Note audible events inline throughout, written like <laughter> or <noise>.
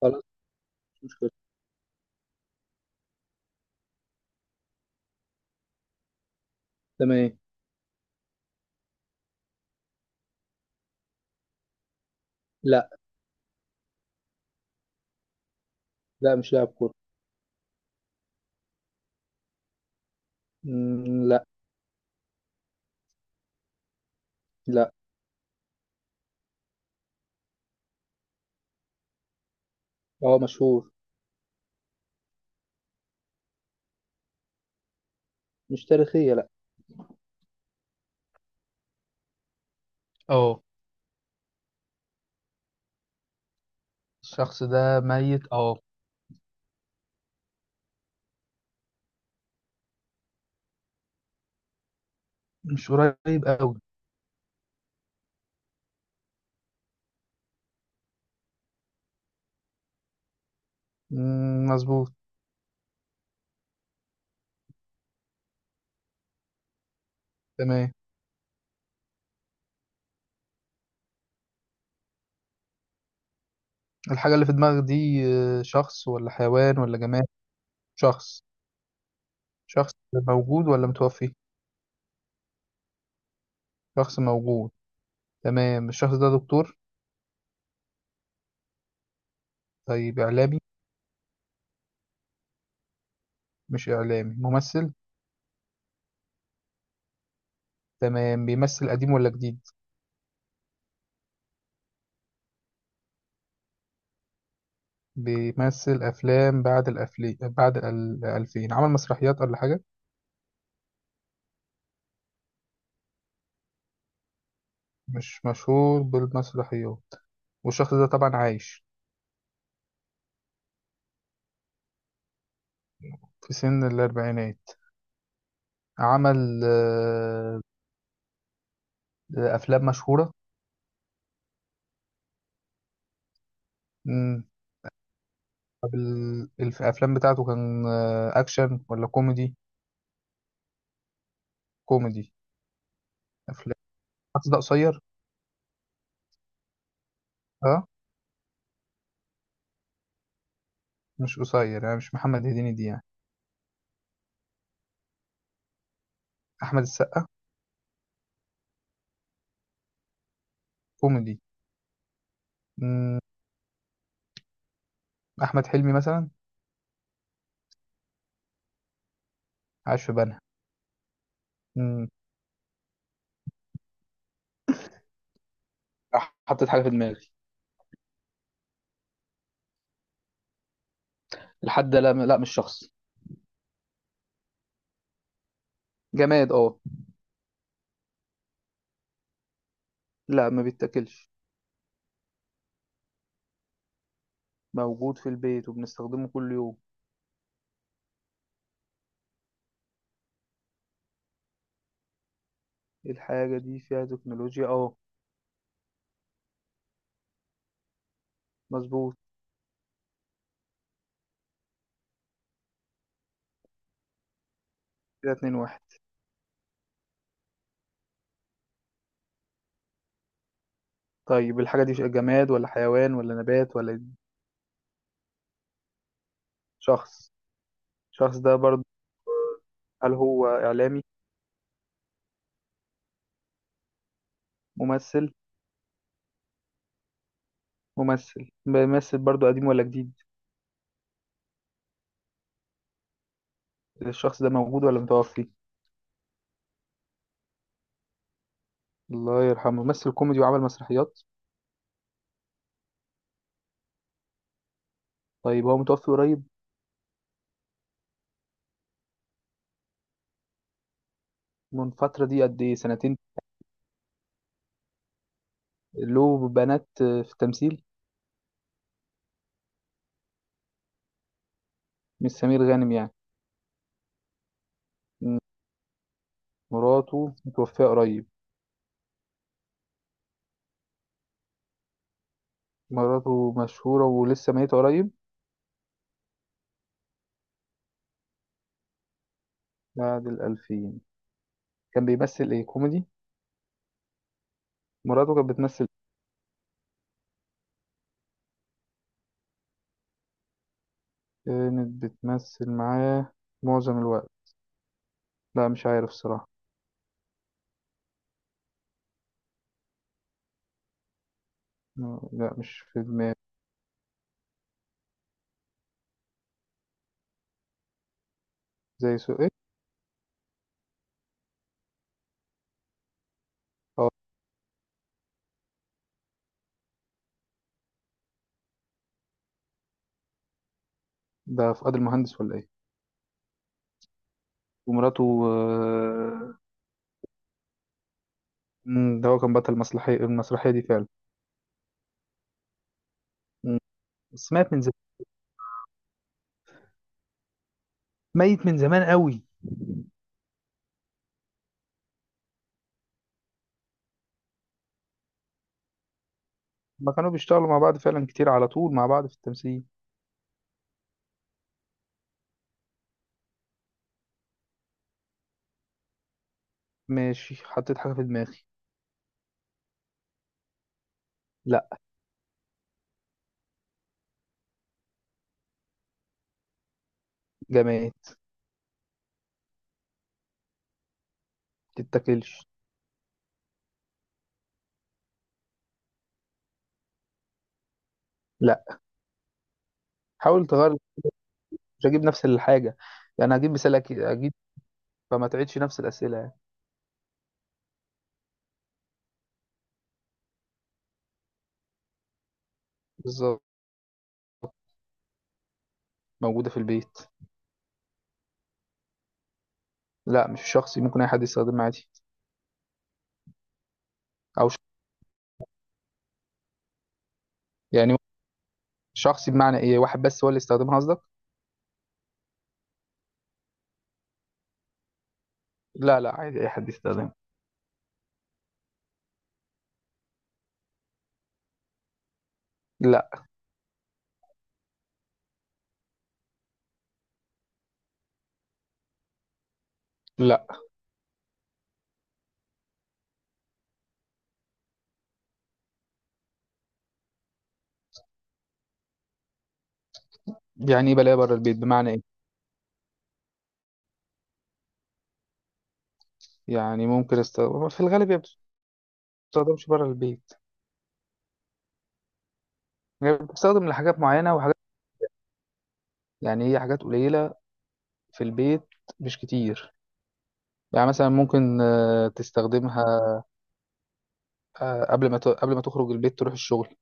خلاص. مش مشكلة. تمام. لا، لا، مش لاعب كورة. مم، لا. لا. هو مشهور. مش تاريخية، لا. اه. الشخص ده ميت، اه. مش قريب قوي. مم، مظبوط. تمام. الحاجة اللي في دماغك دي شخص ولا حيوان ولا جماد؟ شخص. شخص موجود ولا متوفي؟ شخص موجود. تمام. الشخص ده دكتور؟ طيب، إعلامي؟ مش إعلامي، ممثل؟ تمام. بيمثل قديم ولا جديد؟ بيمثل أفلام بعد 2000. عمل مسرحيات ولا حاجة؟ مش مشهور بالمسرحيات. والشخص ده طبعا عايش. في سن الأربعينات. عمل آه، أفلام مشهورة. مم. طب الأفلام بتاعته كان أكشن ولا كوميدي؟ كوميدي. أفلام. الشخص ده قصير؟ أه. مش قصير يعني، مش محمد هديني دي يعني. أحمد السقا؟ كوميدي. مم. أحمد حلمي مثلا؟ عايش في بنها. مم. راح حطيت حاجة في دماغي. الحد، لا، لا، مش شخص. جماد، اه. لا، ما بيتاكلش. موجود في البيت وبنستخدمه كل يوم. إيه؟ الحاجة دي فيها تكنولوجيا، اه. مظبوط. كده 2-1. طيب الحاجة دي جماد ولا حيوان ولا نبات ولا؟ شخص. الشخص ده برضو، هل هو إعلامي؟ ممثل. ممثل، بيمثل برضو قديم ولا جديد؟ الشخص ده موجود ولا متوفي؟ الله يرحمه. ممثل كوميدي وعمل مسرحيات؟ طيب هو متوفي قريب؟ من فترة، دي قد ايه، سنتين؟ له بنات في التمثيل؟ مش سمير غانم يعني؟ م- مراته متوفية قريب؟ مراته مشهورة ولسه ميتة قريب؟ بعد 2000. كان بيمثل ايه، كوميدي؟ مراته كانت بتمثل؟ إيه؟ كانت بتمثل معاه معظم الوقت؟ لا، مش عارف الصراحة. لا، مش في دماغي. زي سوق ايه؟ اه. ده فؤاد المهندس ولا ايه؟ ومراته مم، ده هو كان بطل المسرحية المسرحية دي فعلا؟ مم. بس مات من زمان. ميت من زمان قوي. ما كانوا بيشتغلوا مع بعض فعلا كتير، على طول مع بعض في التمثيل. ماشي، حطيت حاجة في دماغي. لا. جماد. تتاكلش. لا. حاول تغير. مش هجيب نفس الحاجة. يعني هجيب مثال، أكيد أجيب. فما تعيدش نفس الأسئلة يعني. بالظبط. موجودة في البيت. لا، مش شخصي، ممكن أي حد يستخدمها عادي. أو ش... يعني، شخصي بمعنى إيه، واحد بس هو اللي يستخدمها قصدك؟ لا، لا، عادي أي حد يستخدمها. لا. لا. يعني إيه بلاقيها بره البيت، بمعنى إيه؟ يعني ممكن استخدم، في الغالب هي ما بتستخدمش بره البيت. يعني بتستخدم لحاجات معينة وحاجات. يعني هي حاجات قليلة. في البيت. مش كتير. يعني مثلا ممكن تستخدمها. قبل ما تخرج البيت تروح الشغل ما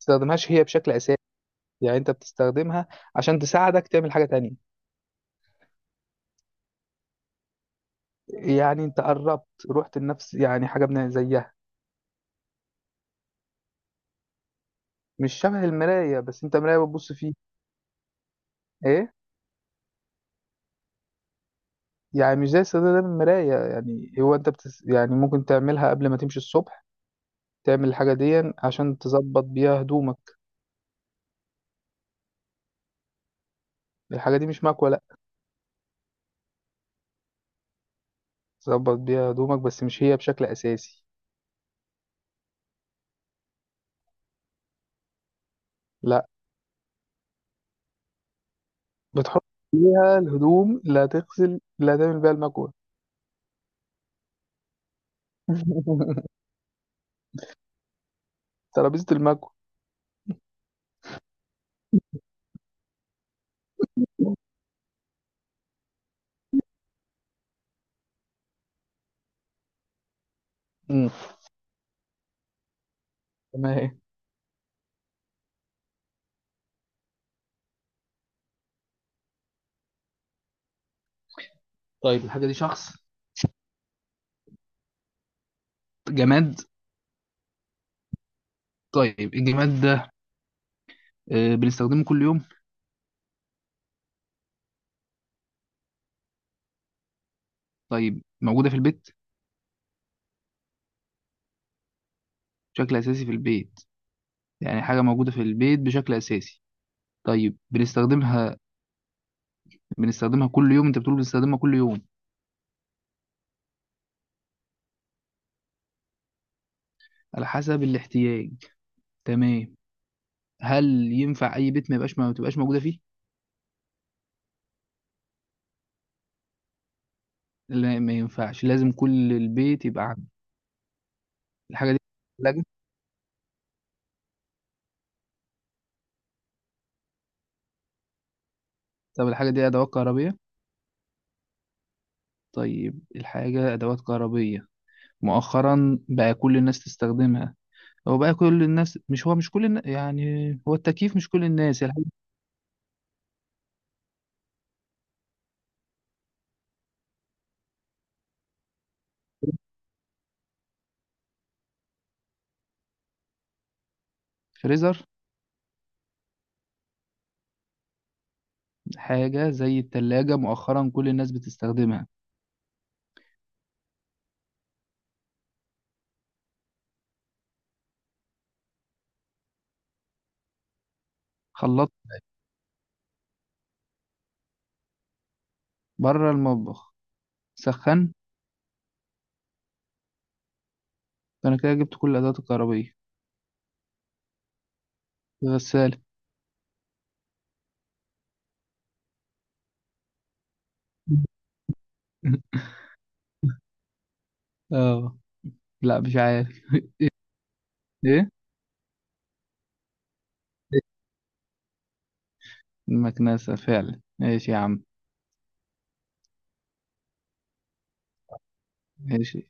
تستخدمهاش هي بشكل أساسي. يعني انت بتستخدمها عشان تساعدك تعمل حاجة تانية. يعني انت قربت، رحت لنفس يعني حاجة من زيها. مش شبه المراية، بس انت مراية بتبص فيه. ايه. يعني مش زي استخدام المراية، يعني هو انت يعني ممكن تعملها قبل ما تمشي الصبح. تعمل الحاجة دي عشان تظبط بيها هدومك. الحاجة دي مش مكوة، لا. تظبط بيها هدومك، بس مش هي بشكل أساسي. لا. بتحطها. الهدوم اللي هتغسل، اللي هتعمل بيها المكوة. <laughs> ترابيزة المكوة. امم. تمام. طيب الحاجة دي شخص؟ جماد. طيب الجماد ده بنستخدمه كل يوم؟ طيب، موجودة في البيت؟ بشكل أساسي في البيت. يعني حاجة موجودة في البيت بشكل أساسي. طيب بنستخدمها. بنستخدمها كل يوم، أنت بتقول بنستخدمها كل يوم؟ على حسب الاحتياج. تمام. هل ينفع أي بيت ما تبقاش موجودة فيه؟ لا، ما ينفعش، لازم كل البيت يبقى عنده. الحاجة دي ثلاجة؟ طب الحاجة دي أدوات كهربية؟ طيب الحاجة أدوات كهربية. مؤخرا بقى كل الناس تستخدمها. هو بقى كل الناس، مش هو، مش كل الناس، يعني هو التكييف مش كل الناس الحاجة. الفريزر؟ حاجة زي التلاجة مؤخرا كل الناس بتستخدمها. خلاط؟ بره المطبخ. سخن؟ أنا كده جبت كل الأدوات الكهربائية. غسالة؟ <laughs> اه. لا، مش عارف. ايه؟ المكنسة، فعلا ماشي يا عم. ماشي.